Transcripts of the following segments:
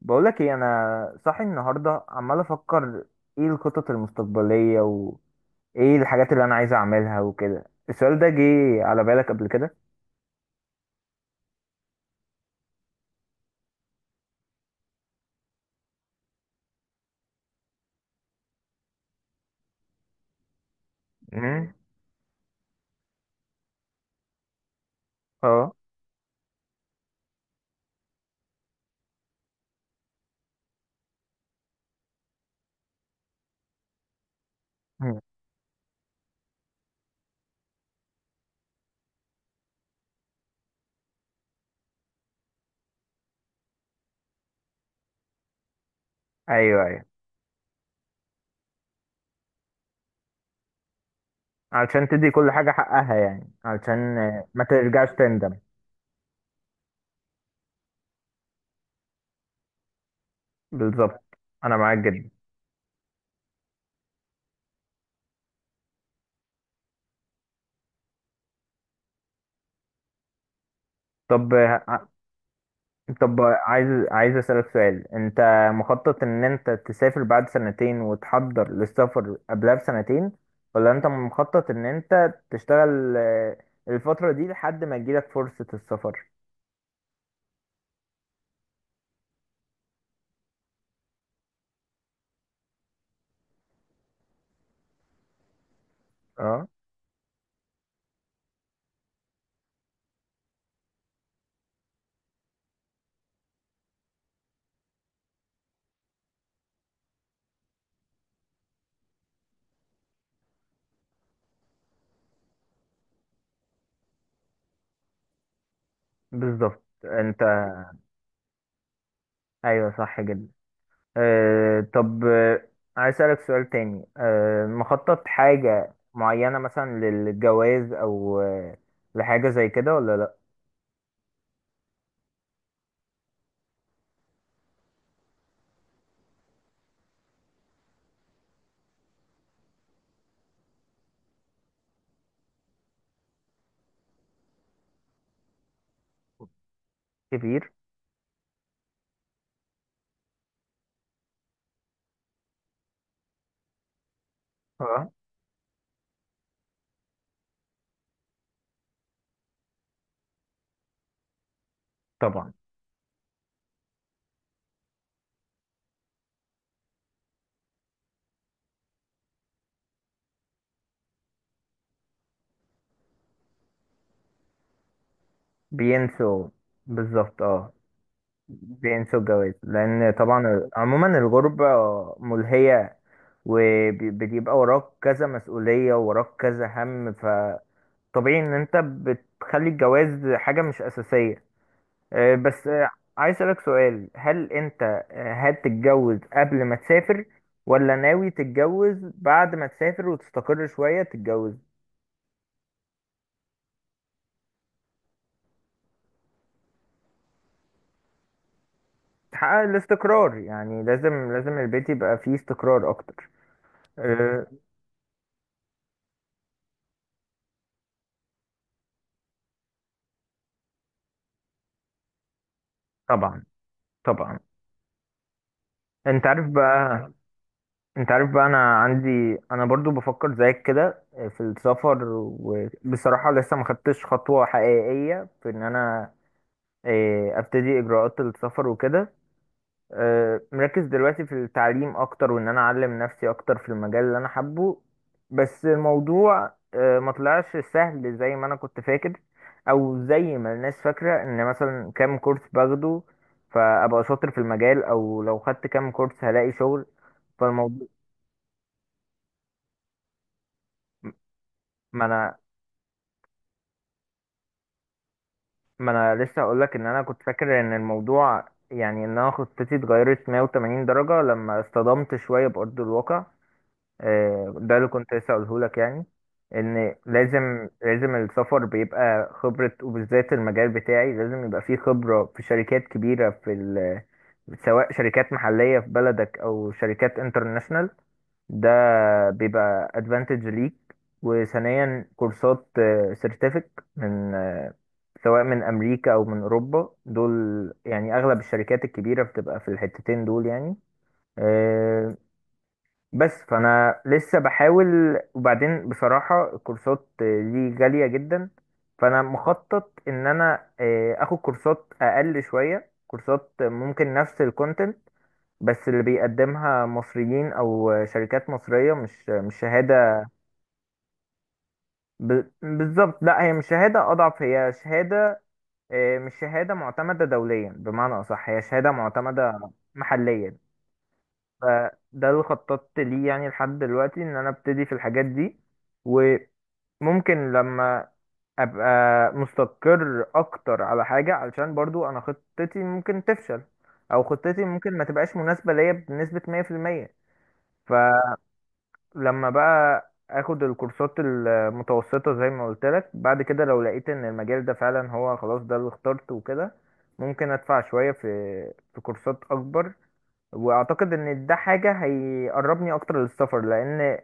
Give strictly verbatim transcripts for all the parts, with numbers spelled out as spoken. بقولك ايه، انا صاحي النهارده عمال افكر ايه الخطط المستقبليه وايه الحاجات اللي انا عايز اعملها وكده. السؤال ده جه على بالك قبل كده؟ امم اه. مم. ايوه ايوه، علشان تدي كل حاجه حقها، يعني علشان آه، ما ترجعش تندم. بالظبط. انا معاك جدا. طب طب عايز عايز اسألك سؤال. انت مخطط ان انت تسافر بعد سنتين وتحضر للسفر قبلها بسنتين، ولا انت مخطط ان انت تشتغل آه، الفترة دي لحد ما تجيلك فرصة السفر؟ اه بالظبط. انت ايوه صح جدا. آه طب آه، عايز اسألك سؤال تاني، آه مخطط حاجة معينة مثلا للجواز او آه، لحاجة زي كده ولا لا؟ كبير. اه طبعا. بينسوا. بالظبط اه. بينسوا الجواز، لان طبعا عموما الغربة ملهية، وبيبقى وراك كذا مسؤولية وراك كذا هم، فطبيعي ان انت بتخلي الجواز حاجة مش اساسية. آه، بس آه، عايز اسألك سؤال، هل انت آه، هتتجوز قبل ما تسافر، ولا ناوي تتجوز بعد ما تسافر وتستقر شوية تتجوز، تحقق الاستقرار؟ يعني لازم لازم البيت يبقى فيه استقرار اكتر. آه، طبعا طبعا. انت عارف بقى انت عارف بقى انا عندي، انا برضو بفكر زيك كده آه، في السفر. وبصراحة لسه ما خدتش خطوة حقيقية في ان انا اه، ابتدي اجراءات السفر وكده. اه، مركز دلوقتي في التعليم اكتر، وان انا اعلم نفسي اكتر في المجال اللي انا حابه. بس الموضوع اه، ما طلعش سهل زي ما انا كنت فاكر، او زي ما الناس فاكرة، ان مثلا كام كورس باخده فابقى شاطر في المجال، او لو خدت كام كورس هلاقي شغل. فالموضوع ما انا ما انا لسه اقول لك، ان انا كنت فاكر ان الموضوع، يعني ان انا خطتي اتغيرت مية وتمانين درجة لما اصطدمت شوية بأرض الواقع. آه، ده اللي كنت لسه اقوله لك، يعني ان لازم لازم السفر بيبقى خبرة، وبالذات المجال بتاعي لازم يبقى فيه خبرة في شركات كبيرة في ال سواء شركات محلية في بلدك او شركات انترناشونال. ده بيبقى ادفانتج ليك. وثانيا كورسات سيرتيفيك من آه، سواء من امريكا او من اوروبا دول. يعني اغلب الشركات الكبيره بتبقى في الحتتين دول يعني. آه، بس فانا لسه بحاول. وبعدين بصراحه الكورسات آه، دي غاليه جدا، فانا مخطط ان انا آه، اخد كورسات اقل شويه، كورسات ممكن نفس الكونتنت بس اللي بيقدمها مصريين او شركات مصريه، مش مش شهاده. ب... بالظبط، لا هي مش شهاده اضعف، هي شهاده آه، مش شهاده معتمده دوليا، بمعنى اصح هي شهاده معتمده محليا. فده اللي خططت ليه يعني لحد دلوقتي، ان انا ابتدي في الحاجات دي. وممكن لما ابقى مستقر اكتر على حاجه، علشان برضو انا خطتي ممكن تفشل، او خطتي ممكن ما تبقاش مناسبه ليا بنسبه مية في المية. لما بقى اخد الكورسات المتوسطة زي ما قلت لك، بعد كده لو لقيت ان المجال ده فعلا هو، خلاص ده اللي اخترته وكده، ممكن ادفع شوية في في كورسات اكبر. واعتقد ان ده حاجة هيقربني اكتر للسفر، لان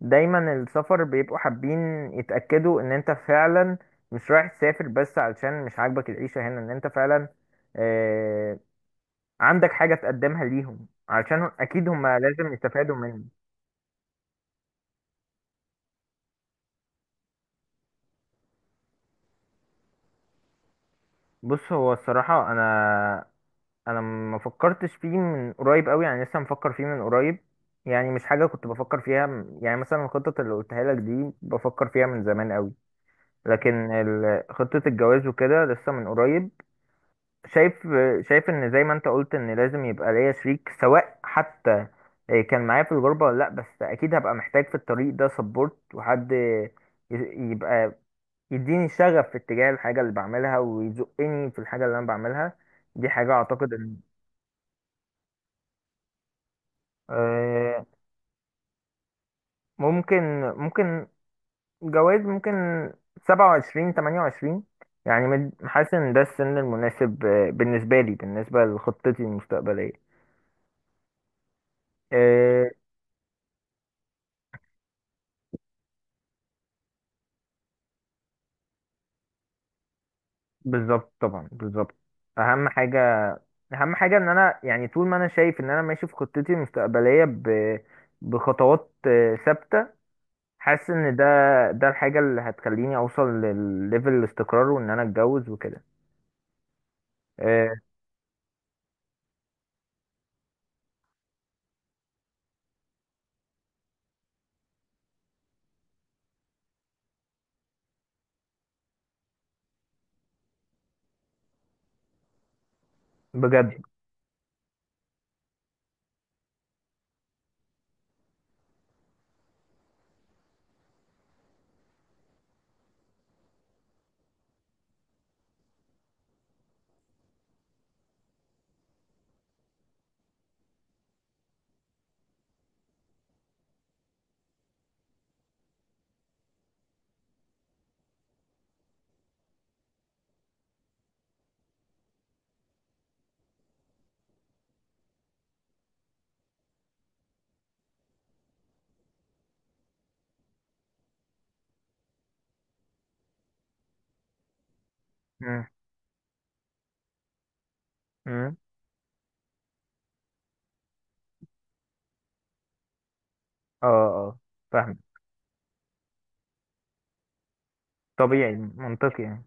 دايما السفر بيبقوا حابين يتأكدوا ان انت فعلا مش رايح تسافر بس علشان مش عاجبك العيشة هنا، ان انت فعلا آه، عندك حاجة تقدمها ليهم، علشان اكيد هم لازم يستفادوا منك. بص، هو الصراحة أنا، أنا ما فكرتش فيه من قريب أوي، يعني لسه مفكر فيه من قريب. يعني مش حاجة كنت بفكر فيها، م- يعني مثلا الخطط اللي قلتها لك دي بفكر فيها من زمان أوي. لكن ال- خطة الجواز وكده لسه من قريب. شايف شايف إن زي ما أنت قلت، إن لازم يبقى ليا شريك، سواء حتى إيه كان معايا في الغربة ولا لأ، بس أكيد هبقى محتاج في الطريق ده سبورت، وحد ي- يبقى يديني شغف في اتجاه الحاجة اللي بعملها، ويزقني في الحاجة اللي أنا بعملها. دي حاجة أعتقد إن آه، ممكن ممكن. جواز ممكن سبعة وعشرين تمانية وعشرين، يعني مد- حاسس إن ده السن المناسب آه، بالنسبة لي، بالنسبة لخطتي المستقبلية. آه، بالظبط طبعا بالظبط. أهم حاجة، أهم حاجة إن أنا، يعني طول ما أنا شايف إن أنا ماشي في خطتي المستقبلية ب- بخطوات آه، ثابتة، حاسس ان ده ده الحاجة اللي هتخليني اوصل للليفل الاستقرار، وان انا اتجوز وكده. أه. بجد. مم. مم. اه اه فاهم. طبيعي منطقي يعني.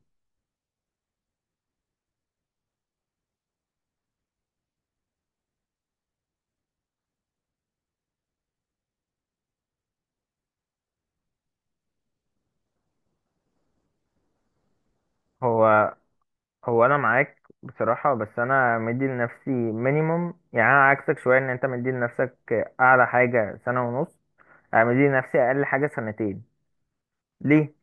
هو هو انا معاك بصراحة، بس انا مدي لنفسي مينيموم، يعني انا عكسك شوية. ان انت مدي لنفسك اعلى حاجة سنة ونص، انا مدي لنفسي اقل حاجة سنتين. ليه؟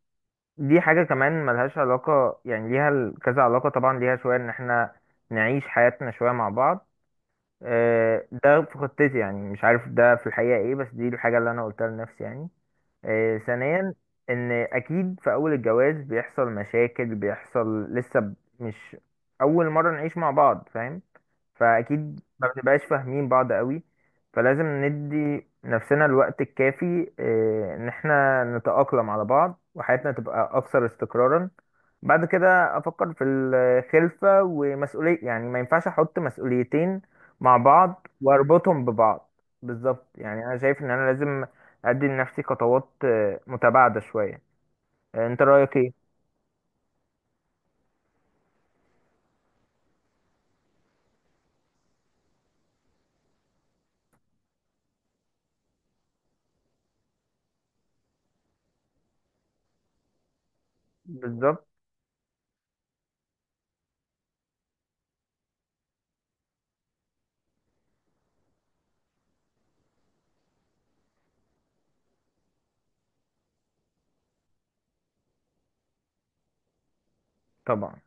دي حاجة كمان ملهاش علاقة، يعني ليها ال- كذا علاقة، طبعا ليها شوية ان احنا نعيش حياتنا شوية مع بعض. آه، ده في خطتي، يعني مش عارف ده في الحقيقة ايه، بس دي الحاجة اللي انا قلتها لنفسي يعني. آه، ثانيا، ان اكيد في اول الجواز بيحصل مشاكل، بيحصل لسه ب- مش اول مرة نعيش مع بعض، فاهم، فاكيد ما بنبقاش فاهمين بعض قوي. فلازم ندي نفسنا الوقت الكافي آه، ان احنا نتأقلم على بعض وحياتنا تبقى اكثر استقرارا. بعد كده افكر في الخلفة ومسؤولية، يعني ما ينفعش احط مسؤوليتين مع بعض واربطهم ببعض. بالظبط. يعني انا شايف ان انا لازم ادي لنفسي خطوات آه، متباعده شويه. آه، انت رايك ايه؟ بالظبط طبعا.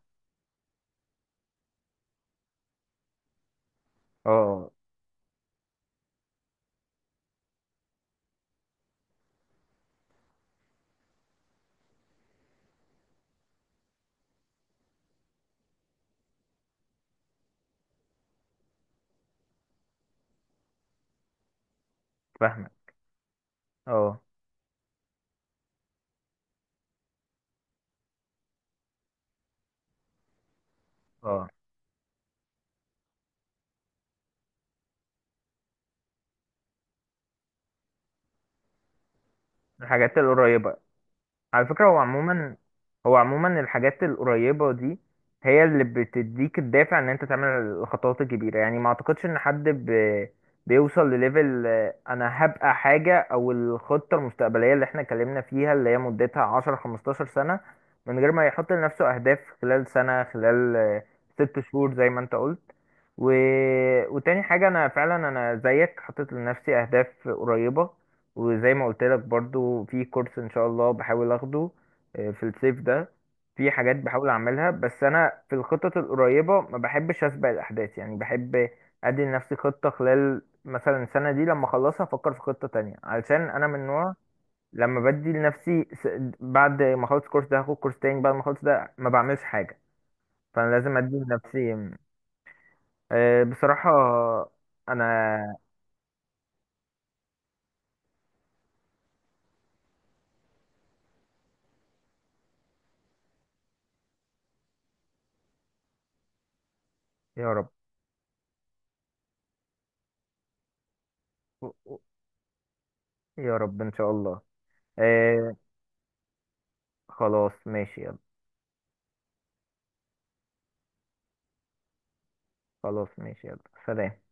اه فاهمك. اه اه، الحاجات القريبه. على فكرة، هو عموما، هو عموما الحاجات القريبة دي هي اللي بتديك الدافع ان انت تعمل الخطوات الكبيرة. يعني ما اعتقدش ان حد ب... بيوصل لليفل آه، انا هبقى حاجة، او الخطة المستقبلية اللي احنا اتكلمنا فيها اللي هي مدتها عشرة خمستاشر سنة، من غير ما يحط لنفسه اهداف خلال سنة خلال آه، ست شهور زي ما انت قلت. و... وتاني حاجة، انا فعلا انا زيك حطيت لنفسي اهداف قريبة، وزي ما قلت لك برضو في كورس ان شاء الله بحاول اخده آه، في الصيف ده. في حاجات بحاول اعملها. بس انا في الخطط القريبة ما بحبش اسبق الاحداث، يعني بحب ادي لنفسي خطة خلال مثلا السنة دي، لما اخلصها افكر في خطة تانية، علشان انا من نوع لما بدي لنفسي س- بعد ما اخلص الكورس ده هاخد كورس تاني، بعد ما اخلص ده ما بعملش حاجة، فانا لازم ادي لنفسي. آه، بصراحة انا. يا رب. يا رب ان شاء الله. آه، خلاص ماشي. خلاص ماشي، يلا. سلام.